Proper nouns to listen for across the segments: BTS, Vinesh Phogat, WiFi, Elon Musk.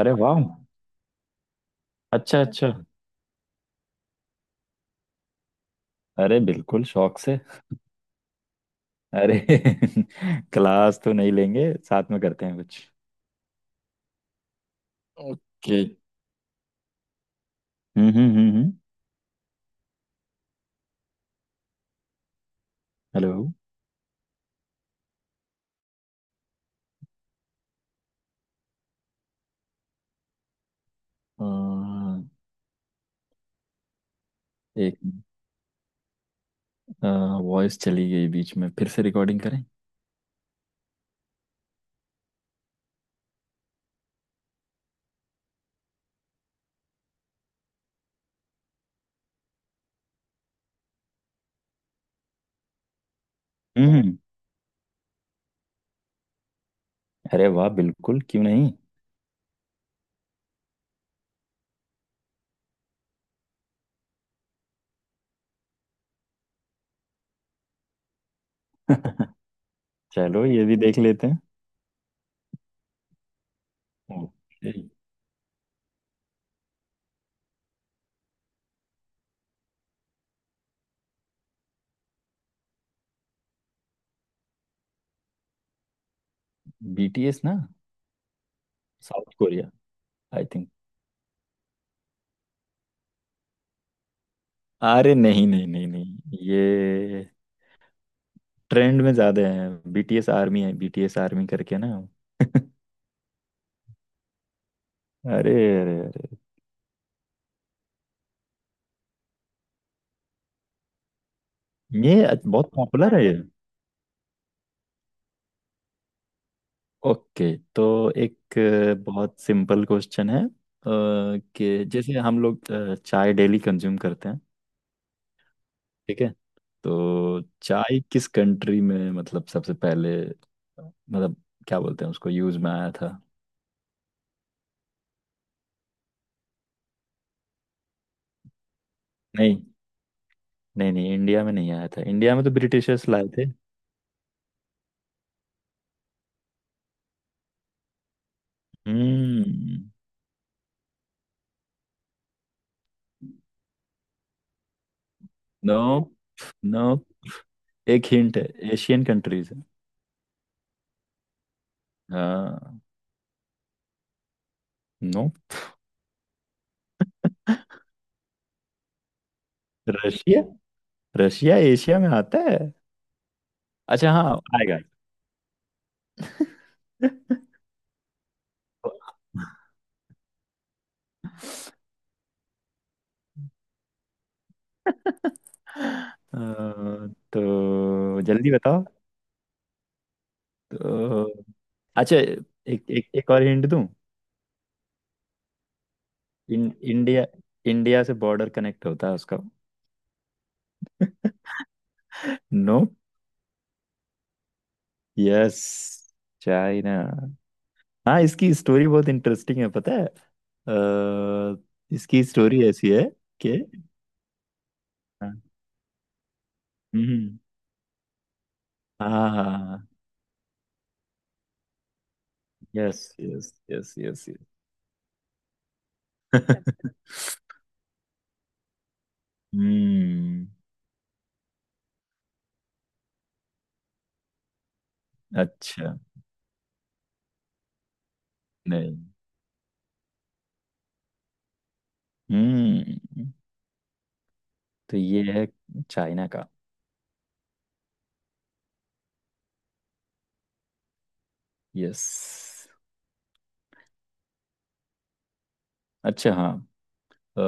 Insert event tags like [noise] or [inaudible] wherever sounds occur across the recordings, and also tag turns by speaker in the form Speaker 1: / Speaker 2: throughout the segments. Speaker 1: अरे वाह। अच्छा अच्छा। अरे बिल्कुल शौक से। अरे [laughs] क्लास तो नहीं लेंगे, साथ में करते हैं कुछ। ओके। हम्म हम्म हम्म हम्म, हेलो। अ, एक वॉइस चली गई बीच में, फिर से रिकॉर्डिंग करें। हम्म। अरे वाह, बिल्कुल क्यों नहीं। [laughs] चलो, ये भी देख लेते हैं। ओके। बीटीएस ना? South Korea, I think. अरे नहीं नहीं नहीं नहीं, ये ट्रेंड में ज्यादा है, बीटीएस आर्मी है, बीटीएस आर्मी करके ना। [laughs] अरे अरे, अरे ये बहुत पॉपुलर है ये। ओके, तो एक बहुत सिंपल क्वेश्चन है, कि जैसे हम लोग चाय डेली कंज्यूम करते हैं, ठीक है? तो चाय किस कंट्री में, मतलब सबसे पहले मतलब क्या बोलते हैं उसको, यूज में आया था? नहीं नहीं नहीं, इंडिया में नहीं आया था, इंडिया में तो ब्रिटिशर्स लाए थे। हम्म। नो, एक हिंट है, एशियन कंट्रीज है। हाँ। नो। रशिया? रशिया एशिया में आता है? अच्छा हाँ, आएगा। [laughs] अ, तो जल्दी बताओ तो। अच्छा, एक एक एक और हिंट दूं। इन, इंडिया इंडिया से बॉर्डर कनेक्ट होता है उसका। नो। Yes, China. हाँ, इसकी स्टोरी बहुत इंटरेस्टिंग है, पता है? इसकी स्टोरी ऐसी है कि हाँ। हम्म, हाँ हाँ, हाँ, yes yes yes yes. [laughs] Yes. हम्म। अच्छा। नहीं। हम्म। तो ये है चाइना का। यस। अच्छा हाँ। अ,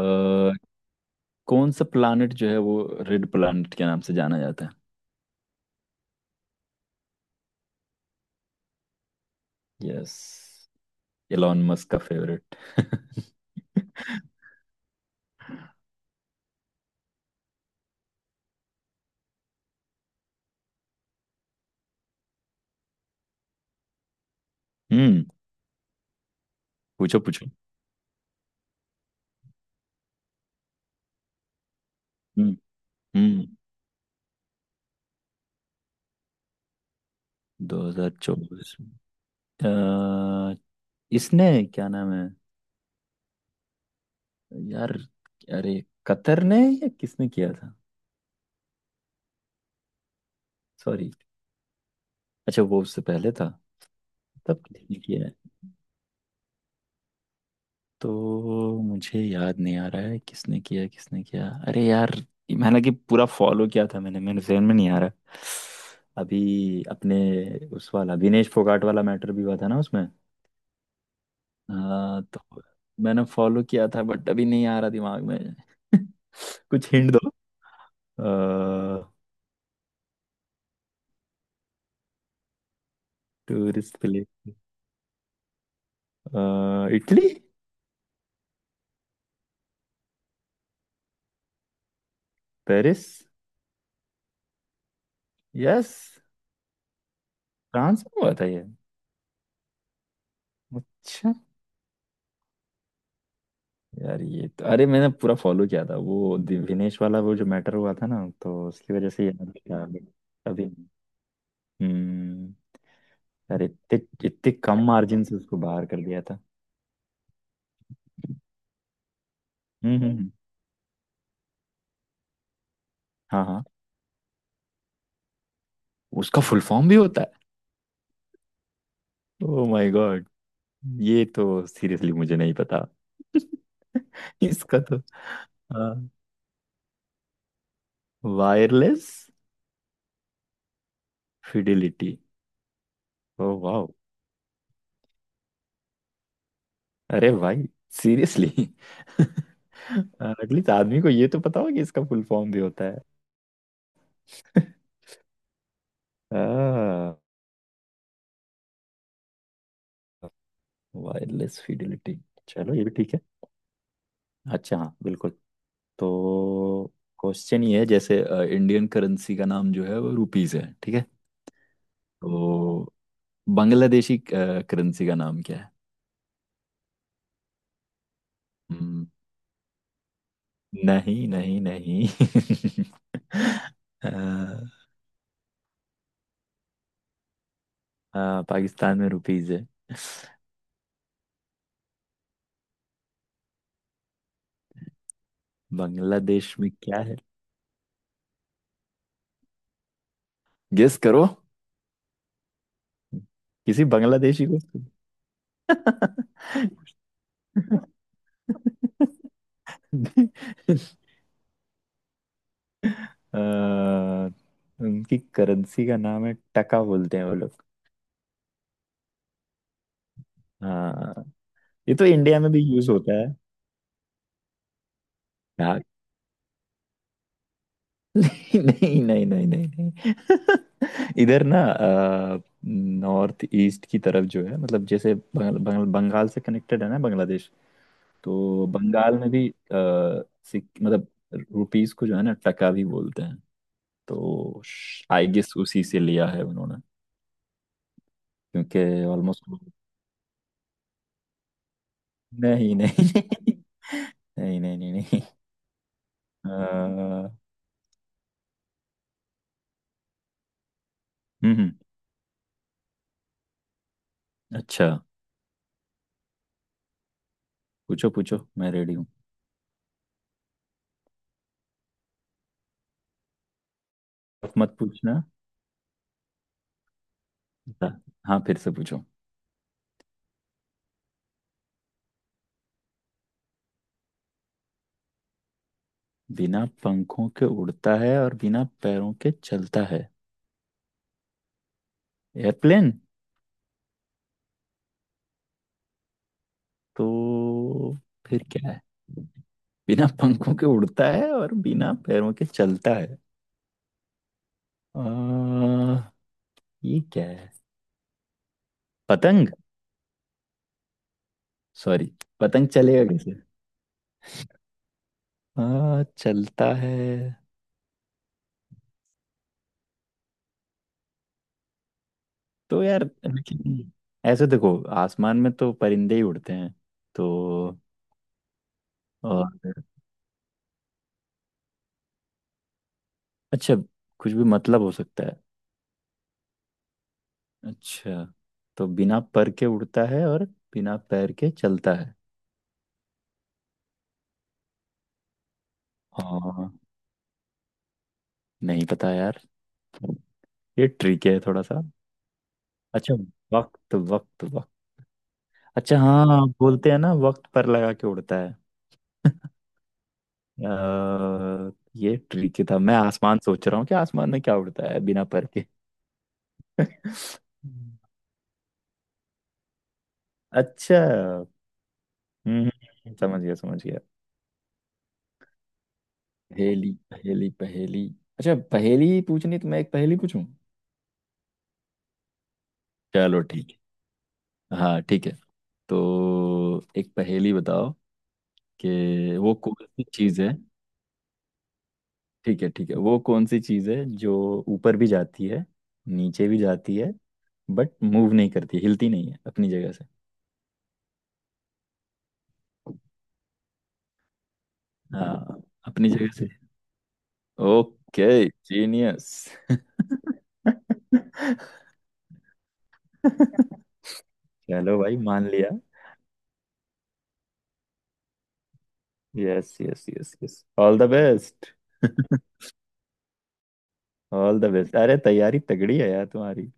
Speaker 1: कौन सा प्लानट जो है वो रेड प्लानट के नाम से जाना जाता है? यस। एलॉन मस्क का फेवरेट। [laughs] हम्म। पूछो पूछो। हम्म हम्म। 2024, अ, इसने, क्या नाम है यार, अरे, कतर ने या किसने किया था? सॉरी, अच्छा वो उससे पहले था। तब किसने किया है, तो मुझे याद नहीं आ रहा है, किसने किया किसने किया, अरे यार। हालांकि पूरा फॉलो किया था मैंने, मेरे जहन में नहीं आ रहा अभी, अपने उस वाला विनेश फोगाट वाला मैटर भी हुआ था ना उसमें। हाँ, तो मैंने फॉलो किया था बट अभी नहीं आ रहा दिमाग में। [laughs] कुछ हिंट दो। Tourist place? Italy? Paris? Yes. France में हुआ था ये? अच्छा। यार ये तो, अरे मैंने पूरा फॉलो किया था, वो दिविनेश वाला, वो जो मैटर हुआ था ना, तो उसकी वजह से याद था अभी अभी। हम्म। अरे इतने इतने कम मार्जिन से उसको बाहर कर दिया था। हम्म हम्म हम्म, हाँ हाँ, उसका फुल फॉर्म भी होता है? ओ माय गॉड, ये तो सीरियसली मुझे नहीं पता। [laughs] इसका तो, हाँ, वायरलेस फिडिलिटी। ओ वाह, अरे भाई, सीरियसली। [laughs] एटलीस्ट आदमी को ये तो पता होगा कि इसका फुल फॉर्म भी होता है। [laughs] आ, वायरलेस फिडिलिटी, चलो ये भी ठीक है। अच्छा हाँ बिल्कुल। तो क्वेश्चन ये है, जैसे इंडियन करेंसी का नाम जो है वो रुपीस है, ठीक है? तो बांग्लादेशी करेंसी का नाम क्या है? हम्म, नहीं नहीं नहीं। [laughs] अ, पाकिस्तान में रुपीस है, बांग्लादेश में क्या है? गेस करो, किसी बांग्लादेशी को। [laughs] अ, उनकी करेंसी का नाम है टका, बोलते हैं वो लोग। हाँ, ये तो इंडिया में भी यूज होता है यार। [laughs] नहीं नहीं नहीं नहीं नहीं। [laughs] इधर ना, नॉर्थ ईस्ट की तरफ जो है, मतलब जैसे बंग, बंग, बंगाल से कनेक्टेड है ना बांग्लादेश, तो बंगाल में भी, मतलब रुपीस को जो है ना टका भी बोलते हैं। तो आई गेस उसी से लिया है उन्होंने, क्योंकि ऑलमोस्ट नहीं नहीं नहीं। [laughs] नहीं नहीं नहीं नहीं। अ, हम्म हम्म, अच्छा। पूछो पूछो, मैं रेडी हूँ। टफ मत पूछना। हाँ फिर से पूछो। बिना पंखों के उड़ता है और बिना पैरों के चलता है? एयरप्लेन? तो फिर क्या है? बिना पंखों के उड़ता है और बिना पैरों के चलता है, आ, ये क्या है? पतंग? सॉरी, पतंग चलेगा कैसे? चलता है तो, यार लेकिन ऐसे देखो, आसमान में तो परिंदे ही उड़ते हैं तो, और अच्छा, कुछ भी मतलब हो सकता है? अच्छा, तो बिना पर के उड़ता है और बिना पैर के चलता है? हाँ। नहीं पता यार, ये ट्रिक है थोड़ा सा। अच्छा, वक्त वक्त वक्त? अच्छा हाँ, बोलते हैं ना, वक्त पर लगा के उड़ता है। अ, ये ट्रिकी था, मैं आसमान सोच रहा हूँ कि आसमान में क्या उड़ता है बिना पर के। [laughs] अच्छा। हम्म समझ गया समझ गया। पहेली पहेली पहेली, अच्छा पहेली पूछनी तो, मैं एक पहेली पूछूं? चलो ठीक, हाँ ठीक है। तो एक पहेली बताओ कि वो कौन सी चीज़ है। ठीक है ठीक है, वो कौन सी चीज़ है जो ऊपर भी जाती है, नीचे भी जाती है, बट मूव नहीं करती, हिलती नहीं है अपनी जगह से? हाँ, अपनी जगह से। ओके, जीनियस, चलो भाई मान लिया। Yes yes yes yes, all the best. All the best, अरे तैयारी तगड़ी है यार तुम्हारी,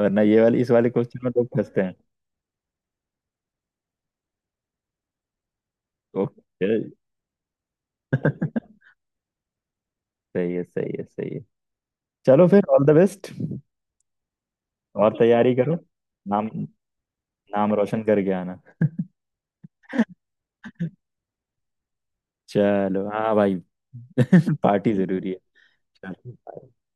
Speaker 1: वरना ये वाली, इस वाले क्वेश्चन में लोग फंसते हैं। ओके। [laughs] सही है, सही है, सही है। चलो फिर ऑल द बेस्ट और। ठीक है, तैयारी करो। नाम नाम रोशन करके आना। [laughs] चलो हाँ भाई। [laughs] पार्टी जरूरी है। चलो bye।